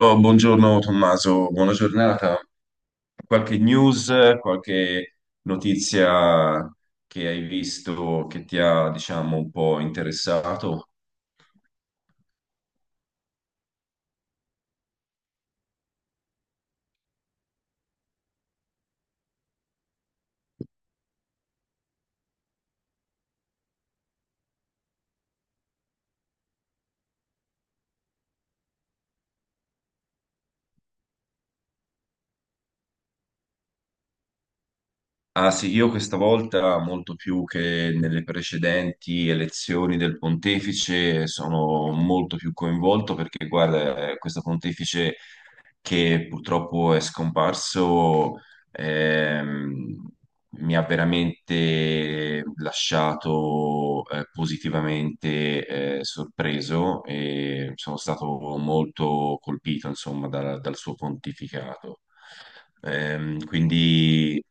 Oh, buongiorno Tommaso, buona giornata. Qualche news, qualche notizia che hai visto che ti ha, diciamo, un po' interessato? Ah sì, io questa volta, molto più che nelle precedenti elezioni del pontefice, sono molto più coinvolto perché, guarda, questo pontefice che purtroppo è scomparso, ehm, mi ha veramente lasciato positivamente sorpreso e sono stato molto colpito, insomma, dal suo pontificato. Quindi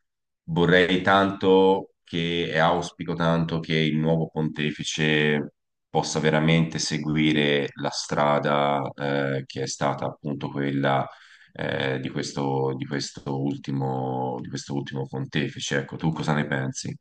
vorrei tanto che, e auspico tanto che il nuovo pontefice possa veramente seguire la strada che è stata appunto quella di questo, di questo ultimo pontefice. Ecco, tu cosa ne pensi?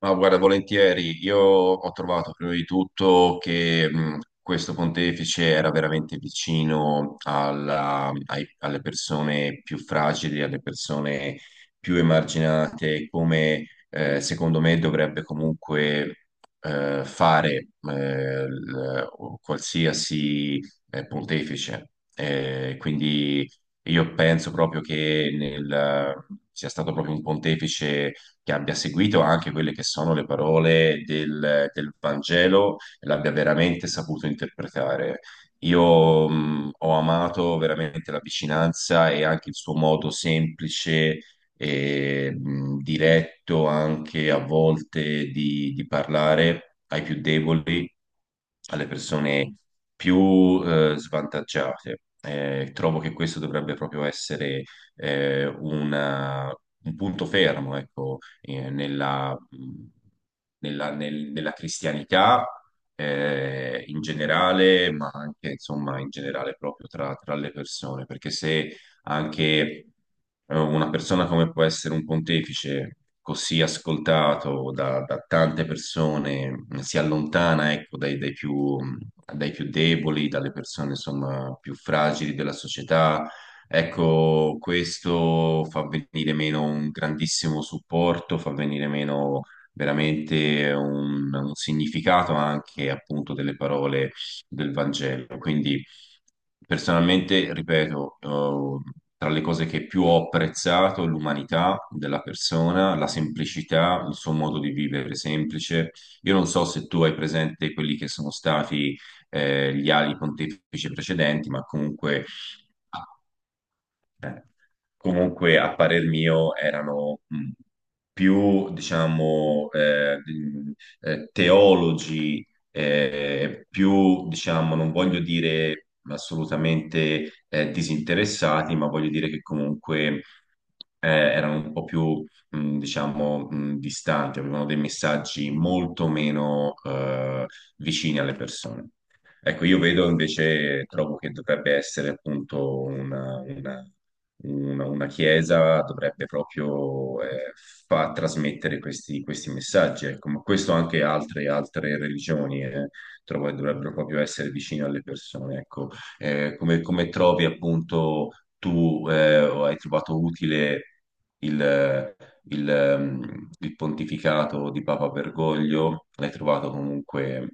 Ma guarda, volentieri, io ho trovato prima di tutto che questo pontefice era veramente vicino alle persone più fragili, alle persone più emarginate, come secondo me dovrebbe comunque fare o qualsiasi pontefice. Quindi io penso proprio che sia stato proprio un pontefice che abbia seguito anche quelle che sono le parole del Vangelo e l'abbia veramente saputo interpretare. Io ho amato veramente la vicinanza e anche il suo modo semplice e diretto anche a volte di parlare ai più deboli, alle persone più svantaggiate. Trovo che questo dovrebbe proprio essere eh, una- un punto fermo, ecco, nella, nella cristianità in generale, ma anche insomma in generale proprio tra, tra le persone, perché se anche una persona come può essere un pontefice, così ascoltato da, da tante persone, si allontana, ecco, dai, dai più deboli, dalle persone insomma più fragili della società. Ecco, questo fa venire meno un grandissimo supporto, fa venire meno veramente un significato anche appunto delle parole del Vangelo. Quindi personalmente, ripeto, tra le cose che più ho apprezzato, l'umanità della persona, la semplicità, il suo modo di vivere semplice. Io non so se tu hai presente quelli che sono stati gli ali pontefici precedenti, ma comunque a parer mio erano più, diciamo, teologi, più, diciamo, non voglio dire assolutamente disinteressati, ma voglio dire che comunque erano un po' più, diciamo, distanti, avevano dei messaggi molto meno vicini alle persone. Ecco, io vedo invece, trovo che dovrebbe essere appunto una chiesa dovrebbe proprio far trasmettere questi, questi messaggi, ecco. Ma questo anche altre, altre religioni trovo che dovrebbero proprio essere vicine alle persone, ecco. Come, come trovi appunto tu o hai trovato utile il, il pontificato di Papa Bergoglio? L'hai trovato comunque...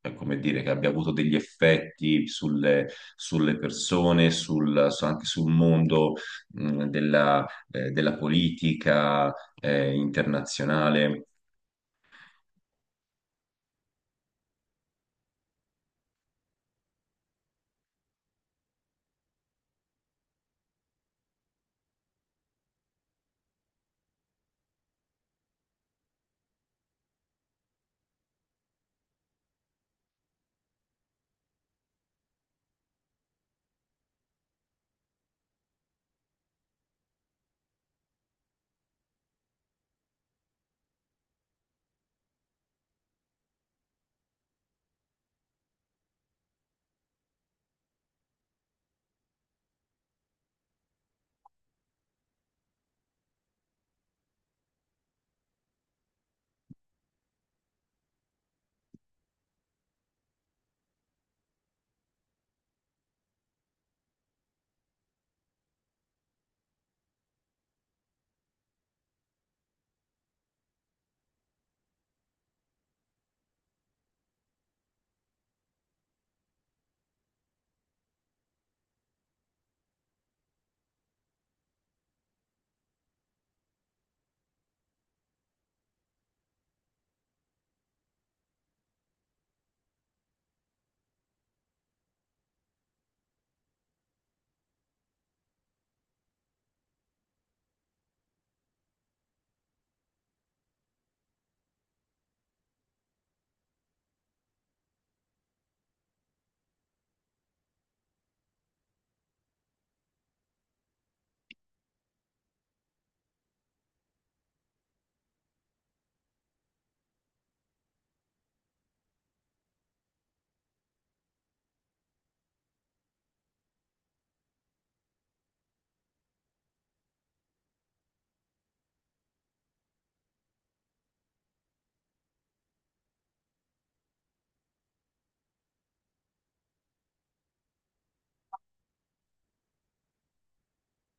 come dire, che abbia avuto degli effetti sulle, sulle persone, anche sul mondo della, della politica internazionale.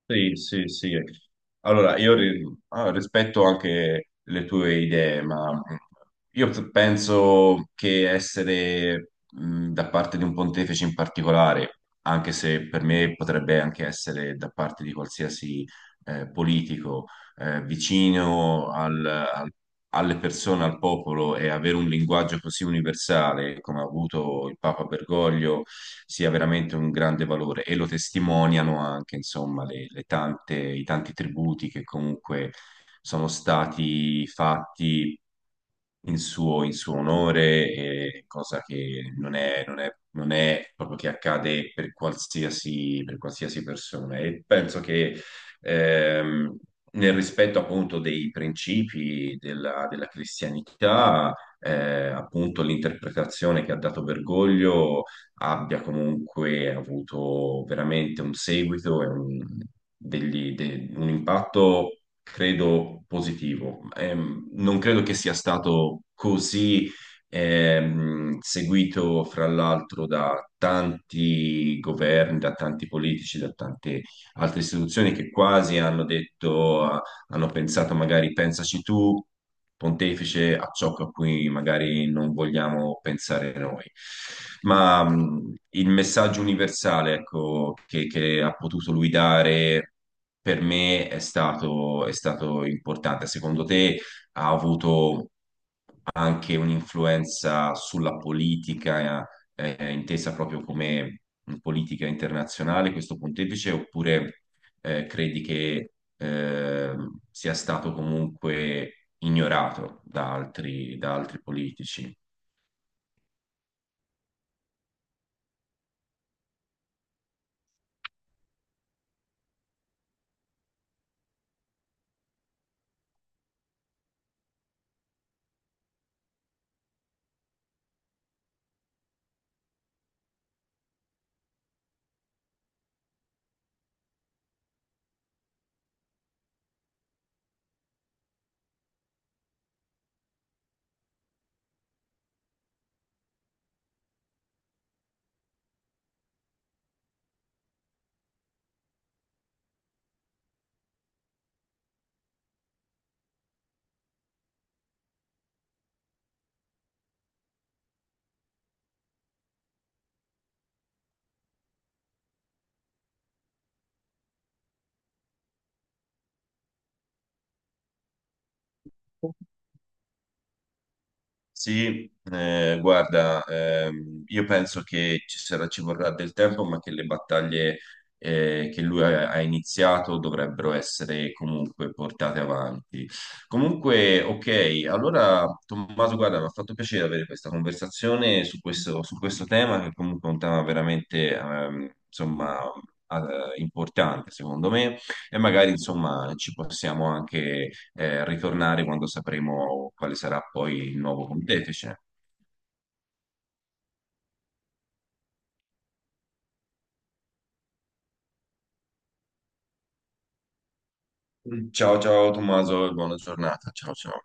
Sì, sì, sì. Allora, rispetto anche le tue idee, ma penso che essere da parte di un pontefice in particolare, anche se per me potrebbe anche essere da parte di qualsiasi politico, vicino alle persone, al popolo e avere un linguaggio così universale come ha avuto il Papa Bergoglio sia veramente un grande valore e lo testimoniano anche, insomma, le tante, i tanti tributi che comunque sono stati fatti in suo onore, e cosa che non è proprio che accade per qualsiasi persona. E penso che ehm, nel rispetto appunto dei principi della, della cristianità, appunto l'interpretazione che ha dato Bergoglio abbia comunque avuto veramente un seguito e un, un impatto, credo, positivo. Non credo che sia stato così seguito fra l'altro da tanti governi, da tanti politici, da tante altre istituzioni che quasi hanno detto, ah, hanno pensato magari pensaci tu, pontefice, a ciò a cui magari non vogliamo pensare noi. Ma il messaggio universale, ecco, che ha potuto lui dare per me è stato importante. Secondo te ha avuto anche un'influenza sulla politica, intesa proprio come politica internazionale, questo pontefice, oppure credi che sia stato comunque ignorato da altri politici? Sì, guarda, io penso che ci sarà, ci vorrà del tempo, ma che le battaglie che lui ha, ha iniziato dovrebbero essere comunque portate avanti. Comunque, ok, allora Tommaso, guarda, mi ha fatto piacere avere questa conversazione su questo tema, che comunque è un tema veramente, insomma, importante, secondo me. E magari, insomma, ci possiamo anche ritornare quando sapremo quale sarà poi il nuovo pontefice. Ciao, ciao Tommaso e buona giornata. Ciao, ciao.